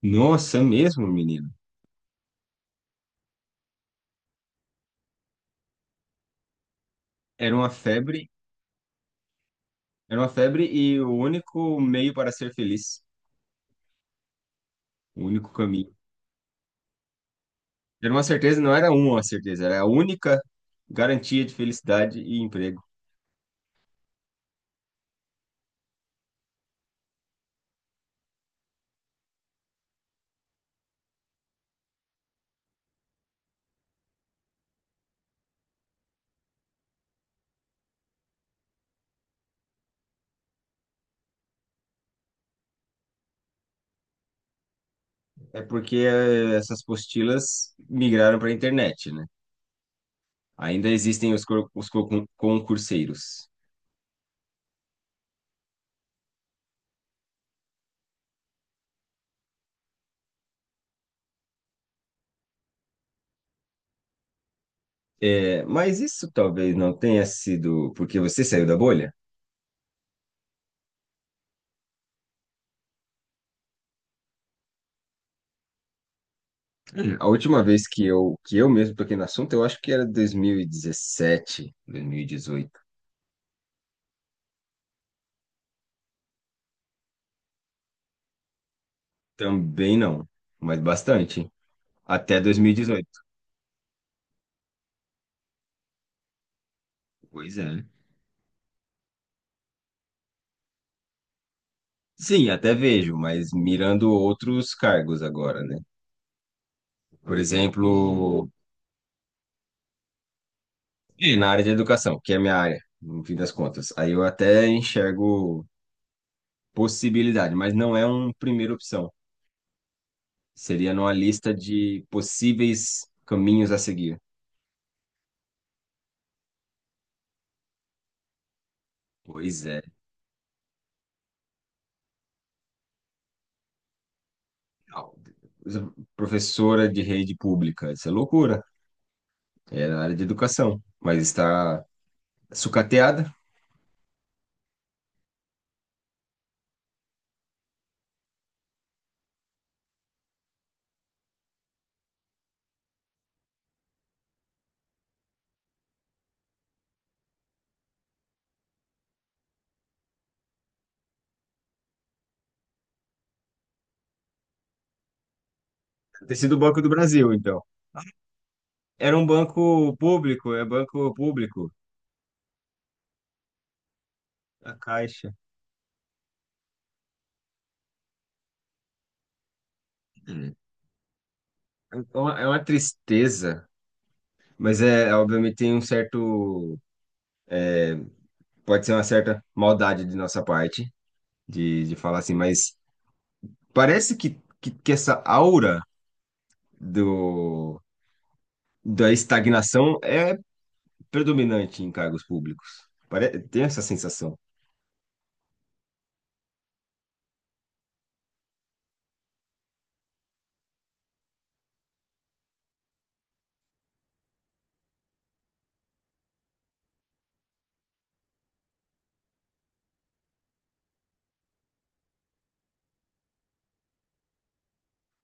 Nossa, é mesmo, menino. Era uma febre, era uma febre e o único meio para ser feliz, o único caminho. Era uma certeza, não era uma certeza, era a única garantia de felicidade e emprego. É porque essas apostilas migraram para a internet, né? Ainda existem os, concurseiros. É, mas isso talvez não tenha sido porque você saiu da bolha. Hum. A última vez que eu mesmo toquei no assunto, eu acho que era 2017, 2018. Também não, mas bastante. Até dois mil e dezoito. Pois é. Sim, até vejo, mas mirando outros cargos agora, né? Por exemplo, é, na área de educação, que é a minha área, no fim das contas. Aí eu até enxergo possibilidade, mas não é uma primeira opção. Seria numa lista de possíveis caminhos a seguir. Pois é. Au. Professora de rede pública, isso é loucura. É na área de educação, mas está sucateada. Ter sido o Banco do Brasil, então. Era um banco público, é banco público, a Caixa. É uma tristeza, mas é, obviamente tem um certo, pode ser uma certa maldade de nossa parte, de falar assim, mas parece que essa aura do, da estagnação é predominante em cargos públicos. Pare, tem essa sensação.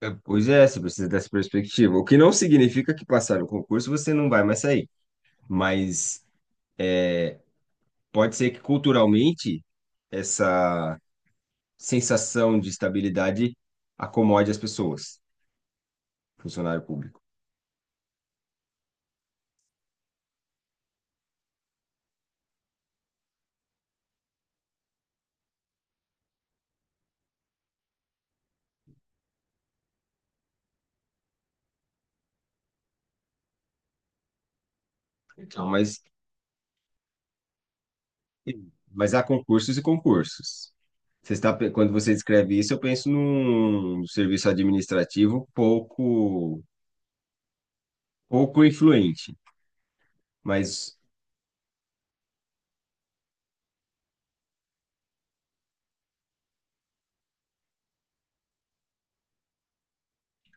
É, pois é, você precisa dessa perspectiva, o que não significa que passar o concurso você não vai mais sair, mas é, pode ser que culturalmente essa sensação de estabilidade acomode as pessoas, funcionário público. Então, mas há concursos e concursos. Você está, quando você descreve isso, eu penso num serviço administrativo pouco, pouco influente. Mas,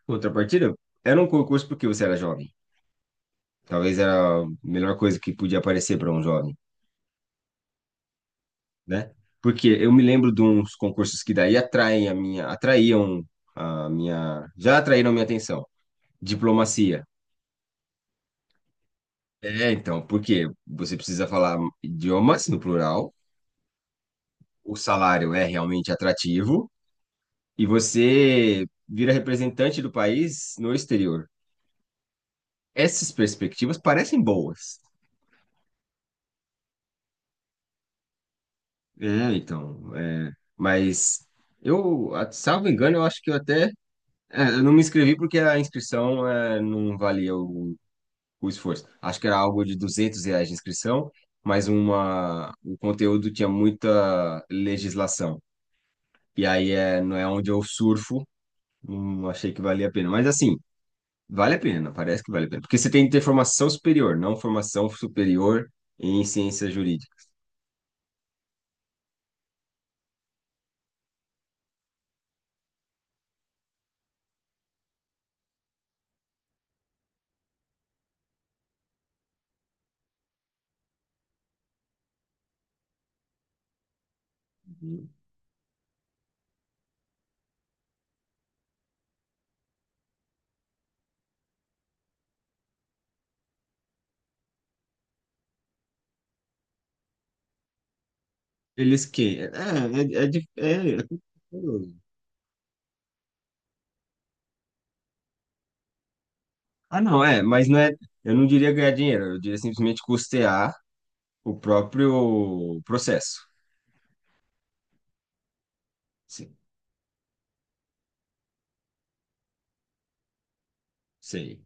contrapartida, era um concurso porque você era jovem. Talvez era a melhor coisa que podia aparecer para um jovem. Né? Porque eu me lembro de uns concursos que daí atraem a minha, atraíam a minha, já atraíram a minha atenção. Diplomacia. É, então, porque você precisa falar idiomas no plural, o salário é realmente atrativo e você vira representante do país no exterior. Essas perspectivas parecem boas. É, então, é, mas eu, salvo engano, eu acho que eu até, é, eu não me inscrevi porque a inscrição é, não valia o esforço. Acho que era algo de 200 reais de inscrição, mas uma, o conteúdo tinha muita legislação. E aí é, não é onde eu surfo, não achei que valia a pena. Mas assim, vale a pena, parece que vale a pena. Porque você tem que ter formação superior, não formação superior em ciência jurídica. Eles que... É, é, é, é, é curioso. Ah, não, é, mas não é... Eu não diria ganhar dinheiro, eu diria simplesmente custear o próprio processo. Sim, sei.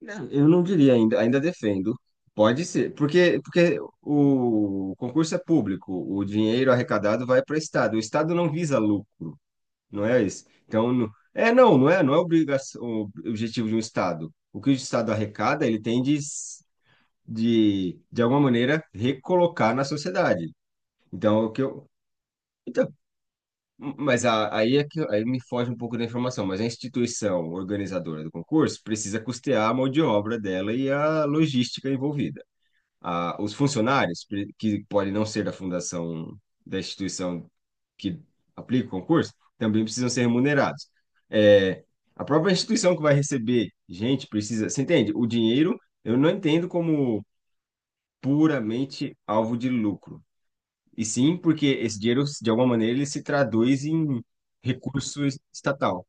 Não, eu não diria ainda, ainda defendo. Pode ser, porque, porque o concurso é público, o dinheiro arrecadado vai para o Estado. O Estado não visa lucro, não é isso? Então, é não, não é, não é obrigação, o objetivo de um Estado. O que o Estado arrecada, ele tem de, de alguma maneira, recolocar na sociedade. Então, o que eu, então, mas aí é que aí me foge um pouco da informação, mas a instituição organizadora do concurso precisa custear a mão de obra dela e a logística envolvida. Os funcionários, que podem não ser da fundação da instituição que aplica o concurso, também precisam ser remunerados. É, a própria instituição que vai receber gente precisa. Você entende? O dinheiro eu não entendo como puramente alvo de lucro. E sim, porque esse dinheiro, de alguma maneira, ele se traduz em recurso estatal.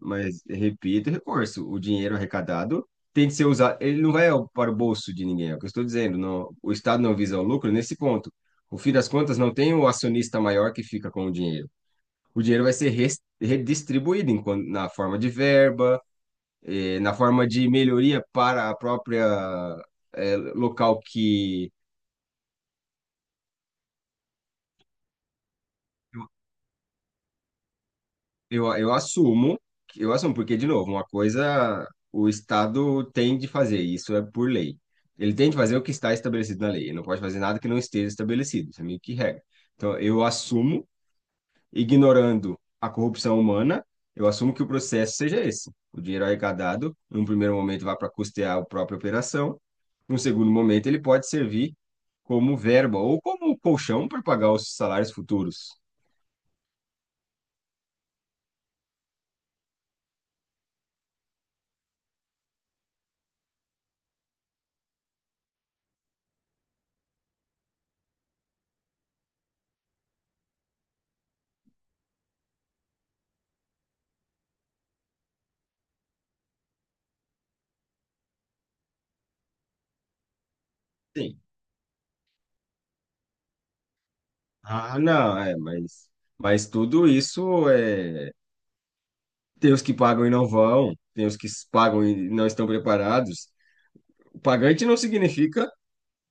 Mas, repito, recurso. O dinheiro arrecadado tem de ser usado. Ele não para o bolso de ninguém, é o que eu estou dizendo. Não, o Estado não visa o lucro nesse ponto. No fim das contas, não tem o acionista maior que fica com o dinheiro. O dinheiro vai ser redistribuído em na forma de verba, na forma de melhoria para a própria, local que eu assumo, eu assumo, porque, de novo, uma coisa o Estado tem de fazer, e isso é por lei. Ele tem de fazer o que está estabelecido na lei, ele não pode fazer nada que não esteja estabelecido, isso é meio que regra. Então, eu assumo, ignorando a corrupção humana, eu assumo que o processo seja esse. O dinheiro arrecadado, num primeiro momento, vai para custear a própria operação, num segundo momento, ele pode servir como verba ou como colchão para pagar os salários futuros. Sim. Ah, não, é, mas tudo isso é. Tem os que pagam e não vão, tem os que pagam e não estão preparados. O pagante não significa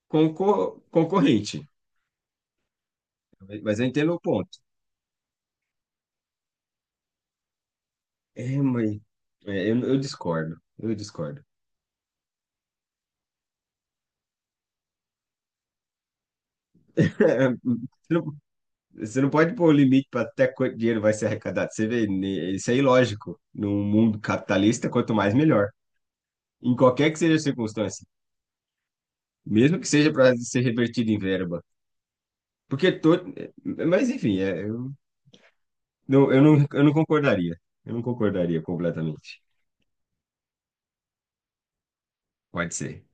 concorrente, mas eu entendo o ponto. É, mas é, eu discordo, eu discordo. Você não, você não pode pôr o limite para até quanto dinheiro vai ser arrecadado. Você vê, né, isso é ilógico. Num mundo capitalista, quanto mais, melhor. Em qualquer que seja a circunstância, mesmo que seja para ser revertido em verba. Porque todo. Mas enfim, é, eu, não, eu, não, eu não concordaria. Eu não concordaria completamente. Pode ser.